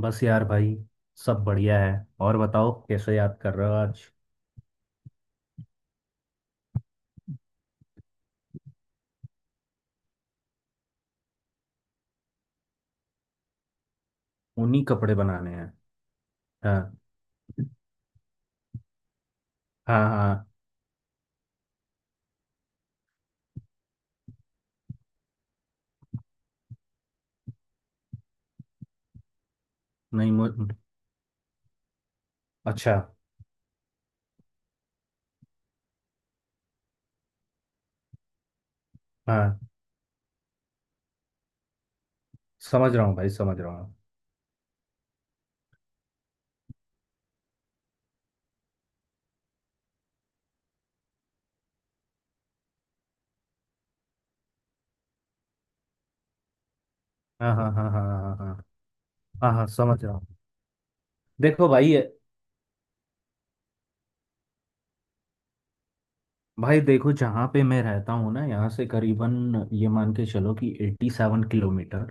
बस यार भाई। सब बढ़िया है। और बताओ कैसे याद कर रहे हो आज? ऊनी कपड़े बनाने हैं? हाँ हाँ हाँ। नहीं मुझ अच्छा। हाँ, समझ रहा हूँ भाई, समझ रहा हूँ। हाँ हाँ हाँ हाँ हाँ हाँ। हाँ हाँ समझ रहा हूँ। देखो भाई। भाई देखो, जहाँ पे मैं रहता हूँ ना, यहाँ से करीबन ये मान के चलो कि 87 किलोमीटर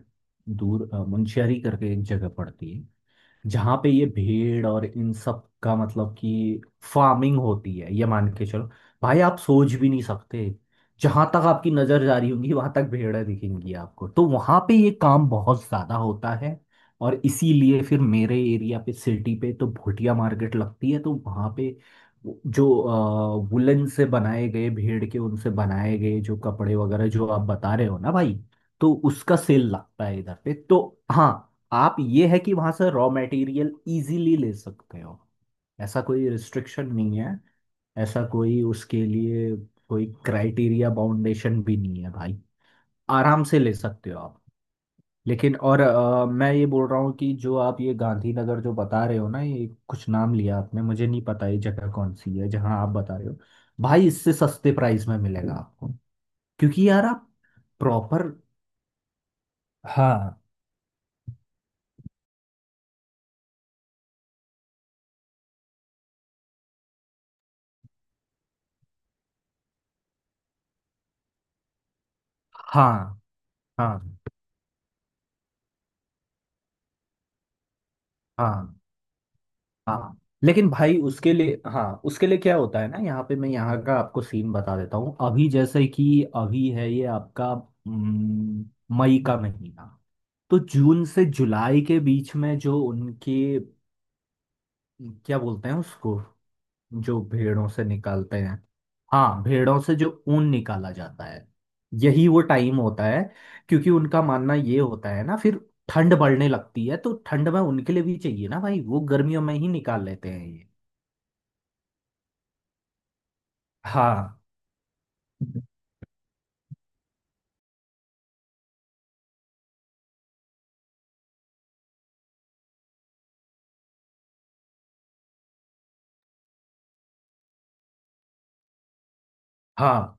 दूर मुंशियारी करके एक जगह पड़ती है, जहाँ पे ये भेड़ और इन सब का मतलब कि फार्मिंग होती है, ये मान के चलो। भाई आप सोच भी नहीं सकते, जहां तक आपकी नजर जा रही होगी वहां तक भेड़ें दिखेंगी आपको। तो वहां पे ये काम बहुत ज्यादा होता है, और इसीलिए फिर मेरे एरिया पे, सिटी पे तो भुटिया मार्केट लगती है। तो वहां पे जो वुलन से बनाए गए भेड़ के, उनसे बनाए गए जो कपड़े वगैरह जो आप बता रहे हो ना भाई, तो उसका सेल लगता है इधर पे। तो हाँ, आप ये है कि वहां से रॉ मटेरियल इजीली ले सकते हो, ऐसा कोई रिस्ट्रिक्शन नहीं है। ऐसा कोई उसके लिए कोई क्राइटेरिया बाउंडेशन भी नहीं है भाई, आराम से ले सकते हो आप। लेकिन और मैं ये बोल रहा हूँ कि जो आप ये गांधीनगर जो बता रहे हो ना, ये कुछ नाम लिया आपने, मुझे नहीं पता ये जगह कौन सी है जहाँ आप बता रहे हो। भाई इससे सस्ते प्राइस में मिलेगा आपको, क्योंकि यार आप प्रॉपर। हाँ हाँ हाँ हाँ हाँ। लेकिन भाई उसके लिए, हाँ उसके लिए क्या होता है ना, यहाँ पे मैं यहाँ का आपको सीन बता देता हूँ। अभी जैसे कि अभी है ये आपका मई का महीना। तो जून से जुलाई के बीच में जो उनके, क्या बोलते हैं उसको, जो भेड़ों से निकालते हैं। हाँ, भेड़ों से जो ऊन निकाला जाता है, यही वो टाइम होता है। क्योंकि उनका मानना ये होता है ना, फिर ठंड बढ़ने लगती है तो ठंड में उनके लिए भी चाहिए ना भाई, वो गर्मियों में ही निकाल लेते हैं ये। हाँ हाँ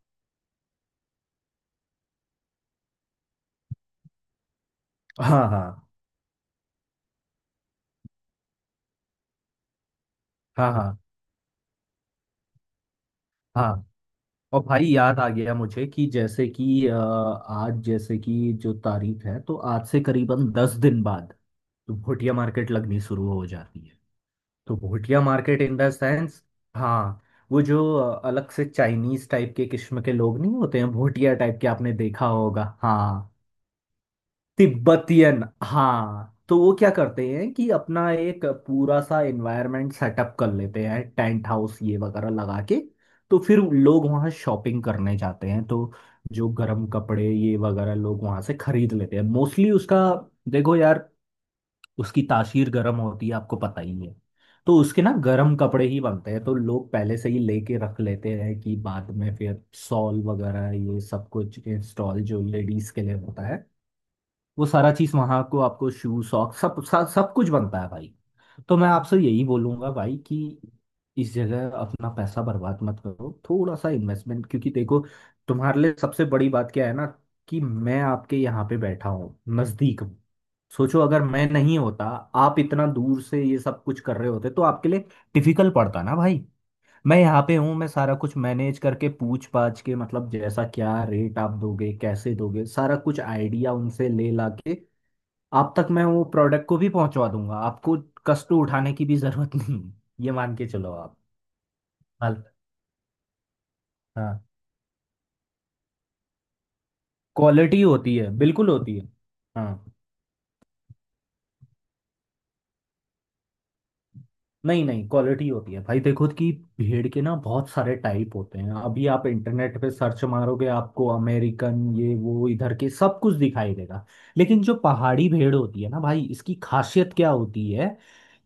हाँ हाँ हाँ हाँ हाँ। और भाई याद आ गया मुझे कि जैसे कि आज जैसे कि जो तारीख है, तो आज से करीबन 10 दिन बाद तो भोटिया मार्केट लगनी शुरू हो जाती है। तो Bhotia market in the sense, हाँ, वो जो अलग से चाइनीज टाइप के किस्म के लोग नहीं होते हैं भोटिया टाइप के, आपने देखा होगा हाँ, तिब्बतियन। हाँ, तो वो क्या करते हैं कि अपना एक पूरा सा एनवायरनमेंट सेटअप कर लेते हैं, टेंट हाउस ये वगैरह लगा के। तो फिर लोग वहाँ शॉपिंग करने जाते हैं, तो जो गर्म कपड़े ये वगैरह लोग वहाँ से खरीद लेते हैं मोस्टली। उसका देखो यार, उसकी तासीर गर्म होती है आपको पता ही है। तो उसके ना गर्म कपड़े ही बनते हैं, तो लोग पहले से ही लेके रख लेते हैं कि बाद में फिर शॉल वगैरह ये सब कुछ, इंस्टॉल जो लेडीज के लिए होता है वो सारा चीज वहां को, आपको शू सॉक्स सब सब सब कुछ बनता है भाई। तो मैं आपसे यही बोलूंगा भाई कि इस जगह अपना पैसा बर्बाद मत करो, थोड़ा सा इन्वेस्टमेंट। क्योंकि देखो तुम्हारे लिए सबसे बड़ी बात क्या है ना, कि मैं आपके यहाँ पे बैठा हूँ, नजदीक हूँ। सोचो अगर मैं नहीं होता, आप इतना दूर से ये सब कुछ कर रहे होते तो आपके लिए डिफिकल्ट पड़ता ना भाई। मैं यहाँ पे हूँ, मैं सारा कुछ मैनेज करके, पूछ पाछ के, मतलब जैसा क्या रेट आप दोगे, कैसे दोगे, सारा कुछ आइडिया उनसे ले ला के आप तक मैं वो प्रोडक्ट को भी पहुंचवा दूंगा। आपको कष्ट उठाने की भी जरूरत नहीं है। ये मान के चलो आप। हाल, हाँ, क्वालिटी होती है, बिल्कुल होती है। हाँ, नहीं नहीं, क्वालिटी होती है भाई। देखो कि भेड़ के ना बहुत सारे टाइप होते हैं, अभी आप इंटरनेट पे सर्च मारोगे आपको अमेरिकन ये वो इधर के सब कुछ दिखाई देगा। लेकिन जो पहाड़ी भेड़ होती है ना भाई, इसकी खासियत क्या होती है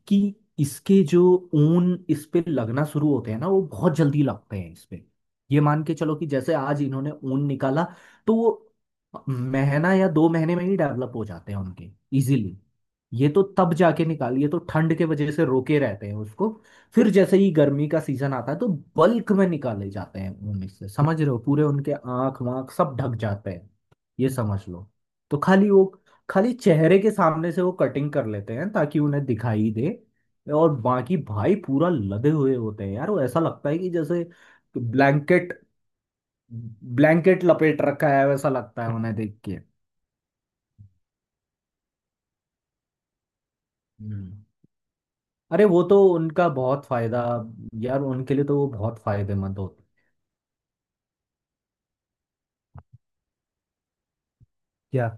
कि इसके जो ऊन इस पे लगना शुरू होते हैं ना वो बहुत जल्दी लगते हैं इस पे। ये मान के चलो कि जैसे आज इन्होंने ऊन निकाला, तो वो महीना या 2 महीने में ही डेवलप हो जाते हैं उनके, इजीली। ये तो तब जाके निकालिए, तो ठंड के वजह से रोके रहते हैं उसको। फिर जैसे ही गर्मी का सीजन आता है तो बल्क में निकाले जाते हैं ऊन, इससे समझ रहे हो पूरे उनके आंख वाँख सब ढक जाते हैं, ये समझ लो। तो खाली वो, खाली चेहरे के सामने से वो कटिंग कर लेते हैं ताकि उन्हें दिखाई दे, और बाकी भाई पूरा लदे हुए होते हैं यार। वो ऐसा लगता है कि जैसे ब्लैंकेट, ब्लैंकेट लपेट रखा है, वैसा लगता है उन्हें देख के। हम्म। अरे वो तो उनका बहुत फायदा, यार उनके लिए तो वो बहुत फायदेमंद होते। क्या?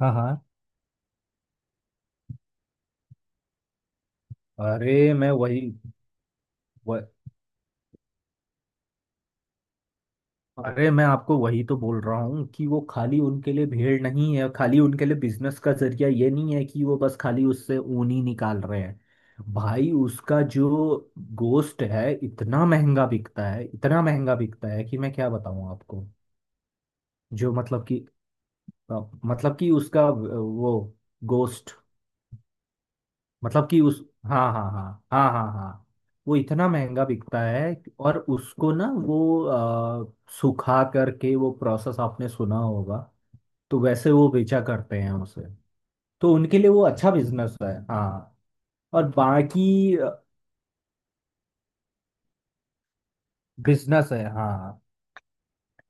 हाँ हाँ। अरे मैं वही, वह, अरे मैं आपको वही तो बोल रहा हूँ कि वो खाली उनके लिए भेड़ नहीं है, खाली उनके लिए बिजनेस का जरिया ये नहीं है कि वो बस खाली उससे ऊन ही निकाल रहे हैं। भाई उसका जो गोश्त है, इतना महंगा बिकता है, इतना महंगा बिकता है कि मैं क्या बताऊँ आपको। जो मतलब कि अ, मतलब कि उसका वो गोश्त, मतलब कि उस, हाँ हाँ हाँ हाँ हाँ हाँ। वो इतना महंगा बिकता है और उसको ना वो अ, सुखा करके, वो प्रोसेस आपने सुना होगा, तो वैसे वो बेचा करते हैं उसे। तो उनके लिए वो अच्छा बिजनेस है, हाँ। और बाकी, बिजनेस है हाँ।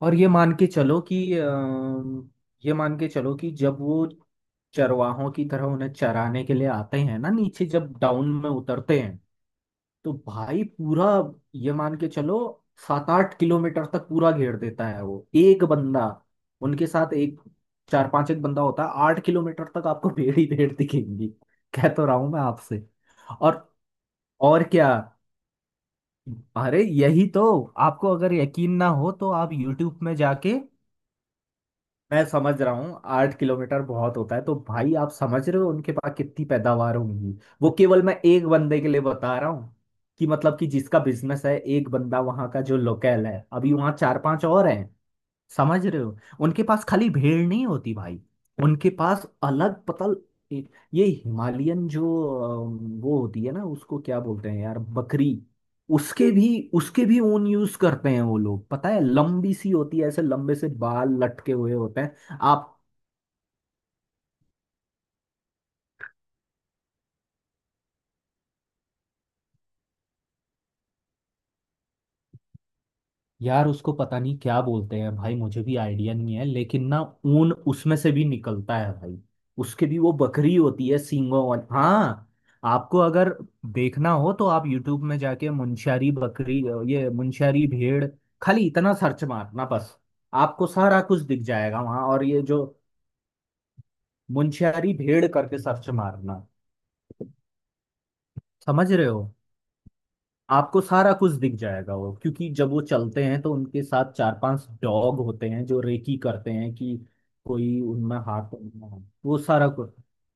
और ये मान के चलो कि ये मान के चलो कि जब वो चरवाहों की तरह उन्हें चराने के लिए आते हैं ना, नीचे जब डाउन में उतरते हैं, तो भाई पूरा, ये मान के चलो, 7-8 किलोमीटर तक पूरा घेर देता है वो एक बंदा। उनके साथ एक, चार पांच, एक बंदा होता है। 8 किलोमीटर तक आपको भेड़ ही भेड़ दिखेंगी। कह तो रहा हूं मैं आपसे। और और क्या, अरे यही तो। आपको अगर यकीन ना हो तो आप YouTube में जाके। मैं समझ रहा हूँ 8 किलोमीटर बहुत होता है, तो भाई आप समझ रहे हो उनके पास कितनी पैदावार होंगी। वो केवल मैं एक बंदे के लिए बता रहा हूँ कि मतलब कि जिसका बिजनेस है, एक बंदा वहाँ का जो लोकल है, अभी वहाँ चार पांच और हैं, समझ रहे हो। उनके पास खाली भेड़ नहीं होती भाई, उनके पास अलग पतल, ये ये हिमालयन जो वो होती है ना, उसको क्या बोलते हैं यार, बकरी। उसके भी, उसके भी ऊन यूज करते हैं वो लोग। पता है, लंबी सी होती है, ऐसे लंबे से बाल लटके हुए होते हैं। आप, यार उसको पता नहीं क्या बोलते हैं भाई, मुझे भी आइडिया नहीं है। लेकिन ना, ऊन उसमें से भी निकलता है भाई, उसके भी, वो बकरी होती है सींगों वाली, हाँ। आपको अगर देखना हो तो आप यूट्यूब में जाके मुंशियारी बकरी, ये मुंशियारी भेड़, खाली इतना सर्च मारना बस, आपको सारा कुछ दिख जाएगा वहां। और ये जो मुंशियारी भेड़ करके सर्च मारना, समझ रहे हो। आपको सारा कुछ दिख जाएगा, वो क्योंकि जब वो चलते हैं तो उनके साथ चार पांच डॉग होते हैं जो रेकी करते हैं कि कोई उनमें हाथ तो नहीं है। वो सारा कुछ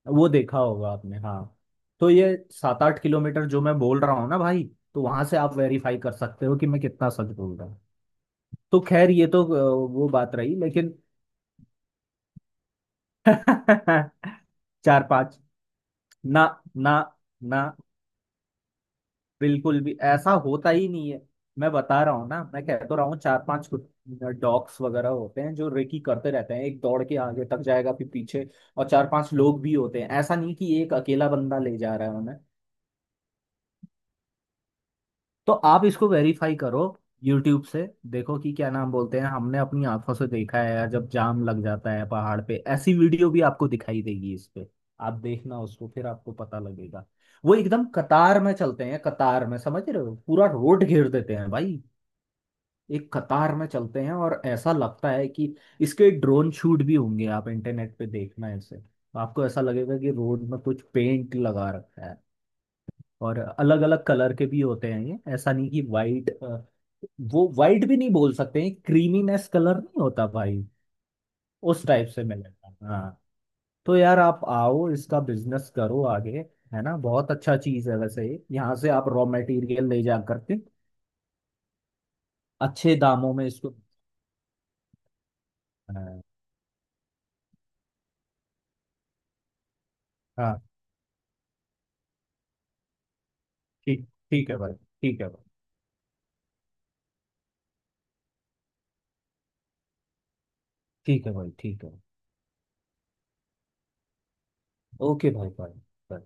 वो देखा होगा आपने, हाँ। तो ये 7-8 किलोमीटर जो मैं बोल रहा हूँ ना भाई, तो वहां से आप वेरीफाई कर सकते हो कि मैं कितना सच बोल रहा हूँ। तो खैर ये तो वो बात रही, लेकिन चार पांच, ना ना ना, बिल्कुल भी ऐसा होता ही नहीं है। मैं बता रहा हूँ ना, मैं कह तो रहा हूँ, चार पांच डॉग्स वगैरह होते हैं जो रेकी करते रहते हैं, एक दौड़ के आगे तक जाएगा फिर पीछे। और चार पांच लोग भी होते हैं, ऐसा नहीं कि एक अकेला बंदा ले जा रहा है उन्हें। तो आप इसको वेरीफाई करो यूट्यूब से, देखो कि क्या नाम बोलते हैं। हमने अपनी आंखों से देखा है यार, जब जाम लग जाता है पहाड़ पे ऐसी वीडियो भी आपको दिखाई देगी इस पे, आप देखना उसको, फिर आपको पता लगेगा। वो एकदम कतार में चलते हैं, कतार में, समझ रहे हो, पूरा रोड घेर देते हैं भाई, एक कतार में चलते हैं। और ऐसा लगता है कि इसके ड्रोन शूट भी होंगे, आप इंटरनेट पे देखना ऐसे, तो आपको ऐसा लगेगा कि रोड में कुछ पेंट लगा रखा है। और अलग अलग कलर के भी होते हैं ये, ऐसा नहीं कि वाइट, वो वाइट भी नहीं बोल सकते हैं, क्रीमीनेस कलर नहीं होता भाई, उस टाइप से मिलेगा, हाँ। तो यार आप आओ, इसका बिजनेस करो आगे, है ना, बहुत अच्छा चीज है वैसे ये। यहाँ से आप रॉ मटेरियल ले जा करके अच्छे दामों में इसको। हाँ। हाँ। ठीक। ठीक है भाई, ठीक है भाई, ठीक है भाई, ठीक है। ओके भाई, भाई।